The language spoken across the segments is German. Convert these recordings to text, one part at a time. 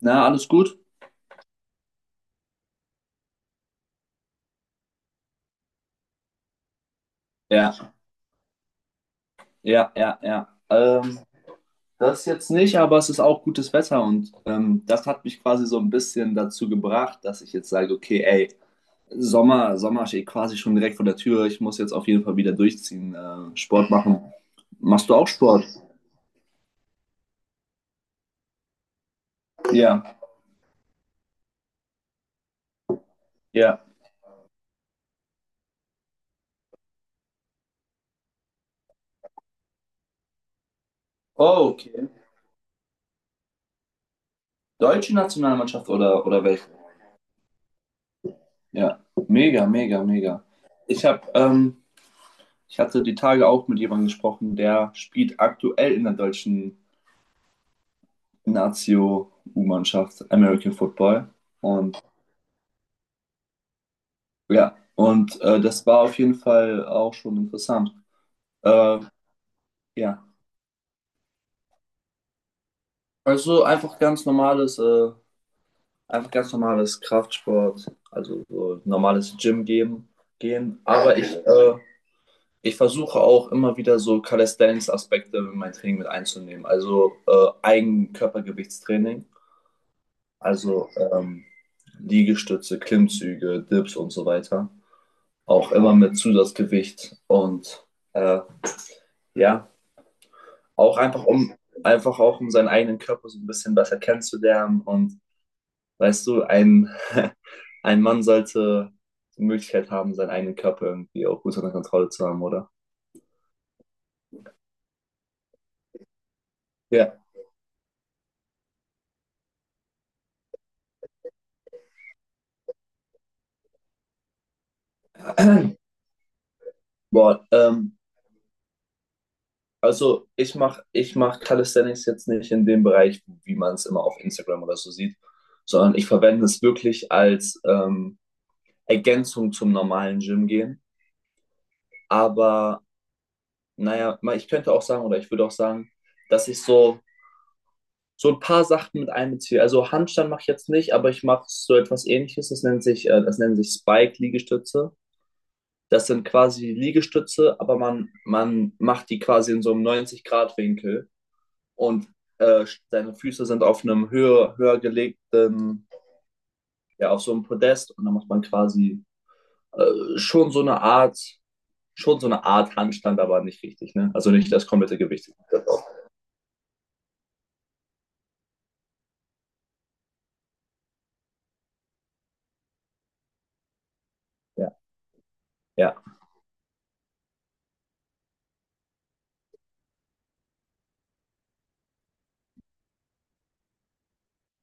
Na, alles gut? Ja, ja, ja, ja. Das jetzt nicht, aber es ist auch gutes Wetter und das hat mich quasi so ein bisschen dazu gebracht, dass ich jetzt sage, okay, ey, Sommer, Sommer steht quasi schon direkt vor der Tür. Ich muss jetzt auf jeden Fall wieder durchziehen, Sport machen. Machst du auch Sport? Ja, ja. Oh, okay. Deutsche Nationalmannschaft oder, welche? Ja, mega, mega, mega. Ich habe, ähm, ich hatte die Tage auch mit jemandem gesprochen, der spielt aktuell in der deutschen Nazio U-Mannschaft, American Football. Und ja, das war auf jeden Fall auch schon interessant. Äh, ja, also einfach ganz normales Kraftsport, also so normales Gym gehen. Aber ich versuche auch immer wieder so Calisthenics-Aspekte in mein Training mit einzunehmen. Also Eigenkörpergewichtstraining, also Liegestütze, Klimmzüge, Dips und so weiter, auch immer mit Zusatzgewicht und äh, ja, auch einfach um einfach auch um seinen eigenen Körper so ein bisschen besser kennenzulernen. Und weißt du, ein, ein Mann sollte die Möglichkeit haben, seinen eigenen Körper irgendwie auch gut unter Kontrolle zu haben, oder? Ja. Boah, also ich mach Calisthenics jetzt nicht in dem Bereich, wie man es immer auf Instagram oder so sieht, sondern ich verwende es wirklich als Ergänzung zum normalen Gym gehen. Aber naja, ich könnte auch sagen, oder ich würde auch sagen, dass ich so ein paar Sachen mit einbeziehe. Also Handstand mache ich jetzt nicht, aber ich mache so etwas Ähnliches. Das nennt sich Spike-Liegestütze. Das sind quasi Liegestütze, aber man macht die quasi in so einem 90-Grad-Winkel und äh, seine Füße sind auf einem höher gelegten, ja, auf so einem Podest, und dann macht man quasi äh, schon so eine Art, schon so eine Art Handstand, aber nicht richtig, ne? Also nicht das komplette Gewicht. Ja, ja,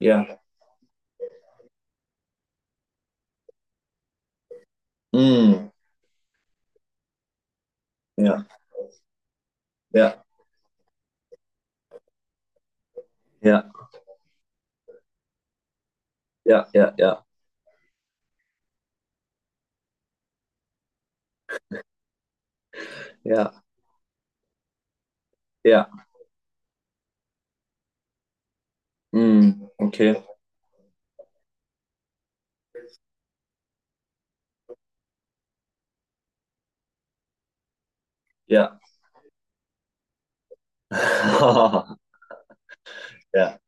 ja. Mm, ja, ja, ja, ja, ja, ja, ja, ja, ja. Mm, okay, ja. Ja,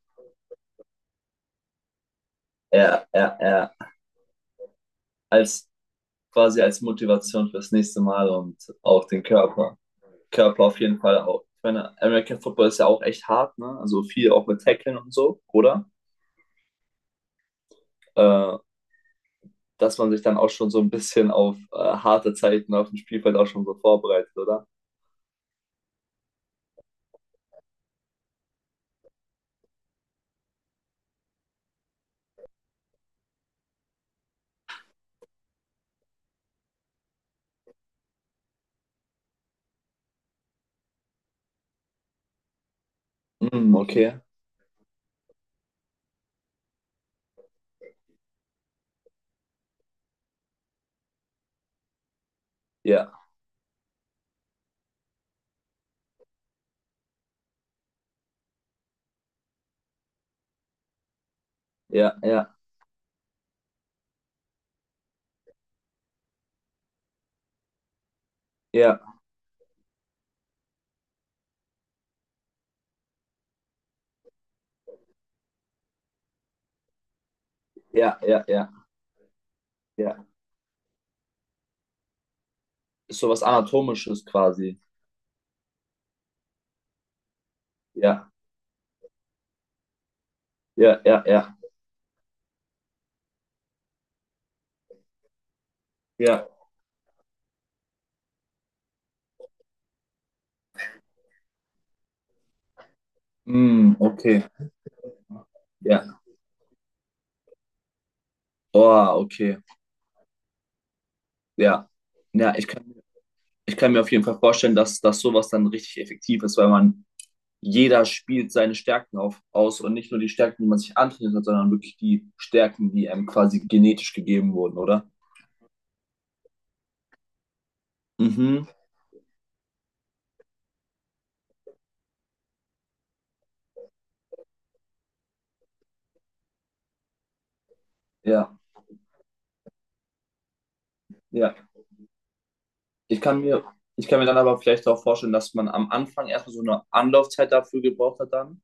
ja, ja, ja. Als als Motivation fürs nächste Mal und auch den Körper auf jeden Fall auch. Ich meine, American Football ist ja auch echt hart, ne? Also viel auch mit Tacklen und so, oder? Äh, dass man sich dann auch schon so ein bisschen auf harte Zeiten auf dem Spielfeld auch schon so vorbereitet, oder? Mm, okay. Ja, ja, ja, ja, ja, ja, ja, ja. Ist sowas Anatomisches quasi. Ja, ja, ja, ja. Ja. Mm, okay. Ja. Oh, okay. Ja. Ja, ich kann mir auf jeden Fall vorstellen, dass, dass sowas dann richtig effektiv ist, weil man jeder spielt seine Stärken aus, und nicht nur die Stärken, die man sich antrainiert hat, sondern wirklich die Stärken, die einem quasi genetisch gegeben wurden, oder? Mhm. Ja, ja. Ich kann mir, ich kann mir dann aber vielleicht auch vorstellen, dass man am Anfang erstmal so eine Anlaufzeit dafür gebraucht hat dann.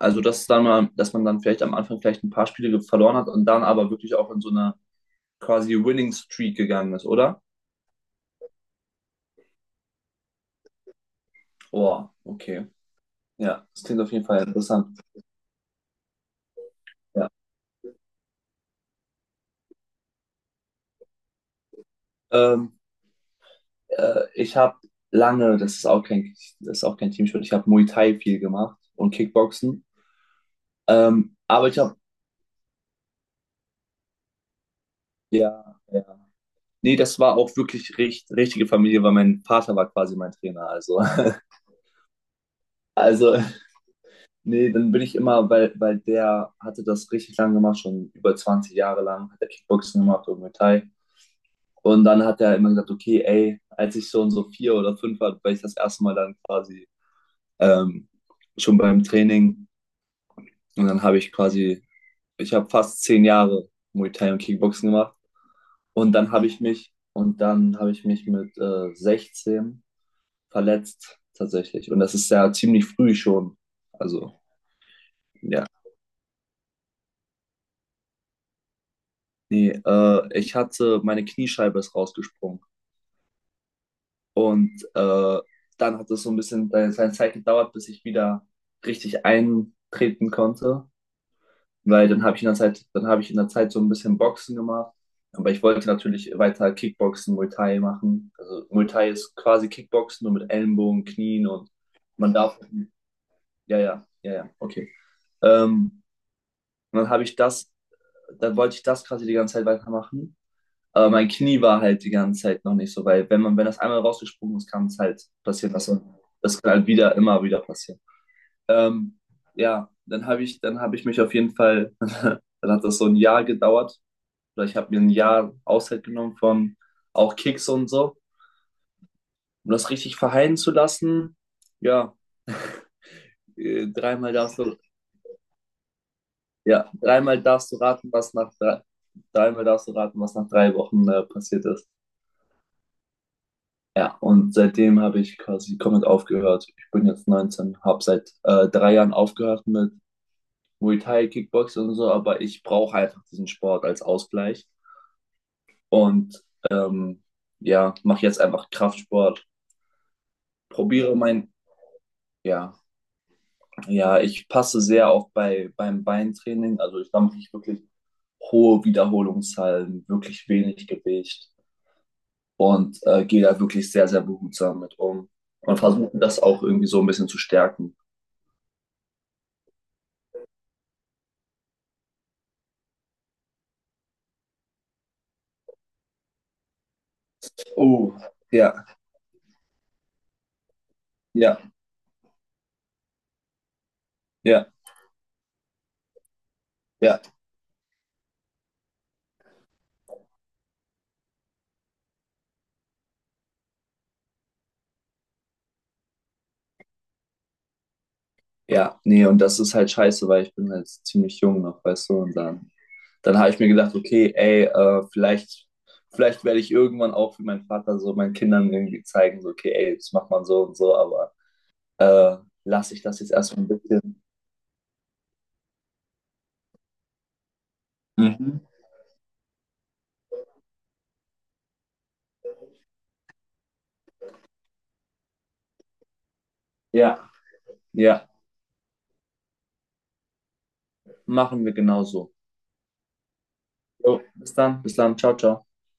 Also, dass dann mal, dass man dann vielleicht am Anfang vielleicht ein paar Spiele verloren hat und dann aber wirklich auch in so eine quasi Winning Streak gegangen ist, oder? Boah, okay. Ja, das klingt auf jeden Fall interessant. Ja. Ähm, äh, ich habe lange, das ist auch kein, das ist auch kein Teamsport, ich habe Muay Thai viel gemacht und Kickboxen. Ähm, aber ich habe, ja, ja. Nee, das war auch wirklich richtige Familie, weil mein Vater war quasi mein Trainer. Also, also nee, dann bin ich immer, weil der hatte das richtig lang gemacht, schon über 20 Jahre lang, hat er Kickboxen gemacht und Muay Thai. Und dann hat er immer gesagt, okay, ey, als ich so und so vier oder fünf war, war ich das erste Mal dann quasi ähm, schon beim Training. Und dann habe ich quasi, ich habe fast 10 Jahre Muay Thai und Kickboxen gemacht. Und dann habe ich mich, und dann habe ich mich mit 16 verletzt tatsächlich. Und das ist ja ziemlich früh schon. Also, ja. Nee, meine Kniescheibe ist rausgesprungen. Und dann hat es so ein bisschen seine Zeit gedauert, bis ich wieder richtig eintreten konnte. Weil dann habe ich in der Zeit, dann habe ich in der Zeit so ein bisschen Boxen gemacht. Aber ich wollte natürlich weiter Kickboxen, Muay Thai machen. Also Muay Thai ist quasi Kickboxen, nur mit Ellenbogen, Knien und man darf. Ja, ja, ja, ja, okay. Ähm, und dann habe ich das, dann wollte ich das quasi die ganze Zeit weitermachen. Aber mein Knie war halt die ganze Zeit noch nicht so, weil wenn man, wenn das einmal rausgesprungen ist, kann es halt passieren. Also das kann halt wieder, immer wieder passieren. Ähm, ja, dann habe ich mich auf jeden Fall, dann hat das so ein Jahr gedauert. Oder ich habe mir ein Jahr Auszeit genommen von auch Kicks und so, um das richtig verheilen zu lassen. Ja, äh, dreimal darfst du, ja, dreimal darfst du raten, was nach drei, dreimal darfst du raten, was nach 3 Wochen passiert ist. Ja, und seitdem habe ich quasi komplett aufgehört. Ich bin jetzt 19, habe seit 3 Jahren aufgehört mit Muay Thai, Kickboxen und so, aber ich brauche einfach diesen Sport als Ausgleich und ähm, ja, mache jetzt einfach Kraftsport, probiere mein, ja, ja, ich passe sehr auf beim Beintraining, also da mache ich wirklich hohe Wiederholungszahlen, wirklich wenig Gewicht und gehe da wirklich sehr, sehr behutsam mit um und versuche das auch irgendwie so ein bisschen zu stärken. Oh, ja, ja, ja, ja, ja. Nee, und das ist halt scheiße, weil ich bin halt ziemlich jung noch, weißt du, und dann habe ich mir gedacht, okay, ey, vielleicht werde ich irgendwann auch wie mein Vater so meinen Kindern irgendwie zeigen, so, okay, ey, das macht man so und so, aber äh, lasse ich das jetzt erstmal ein bisschen. Mhm. Ja, ja, machen wir genauso. Jo, bis dann, ciao, ciao.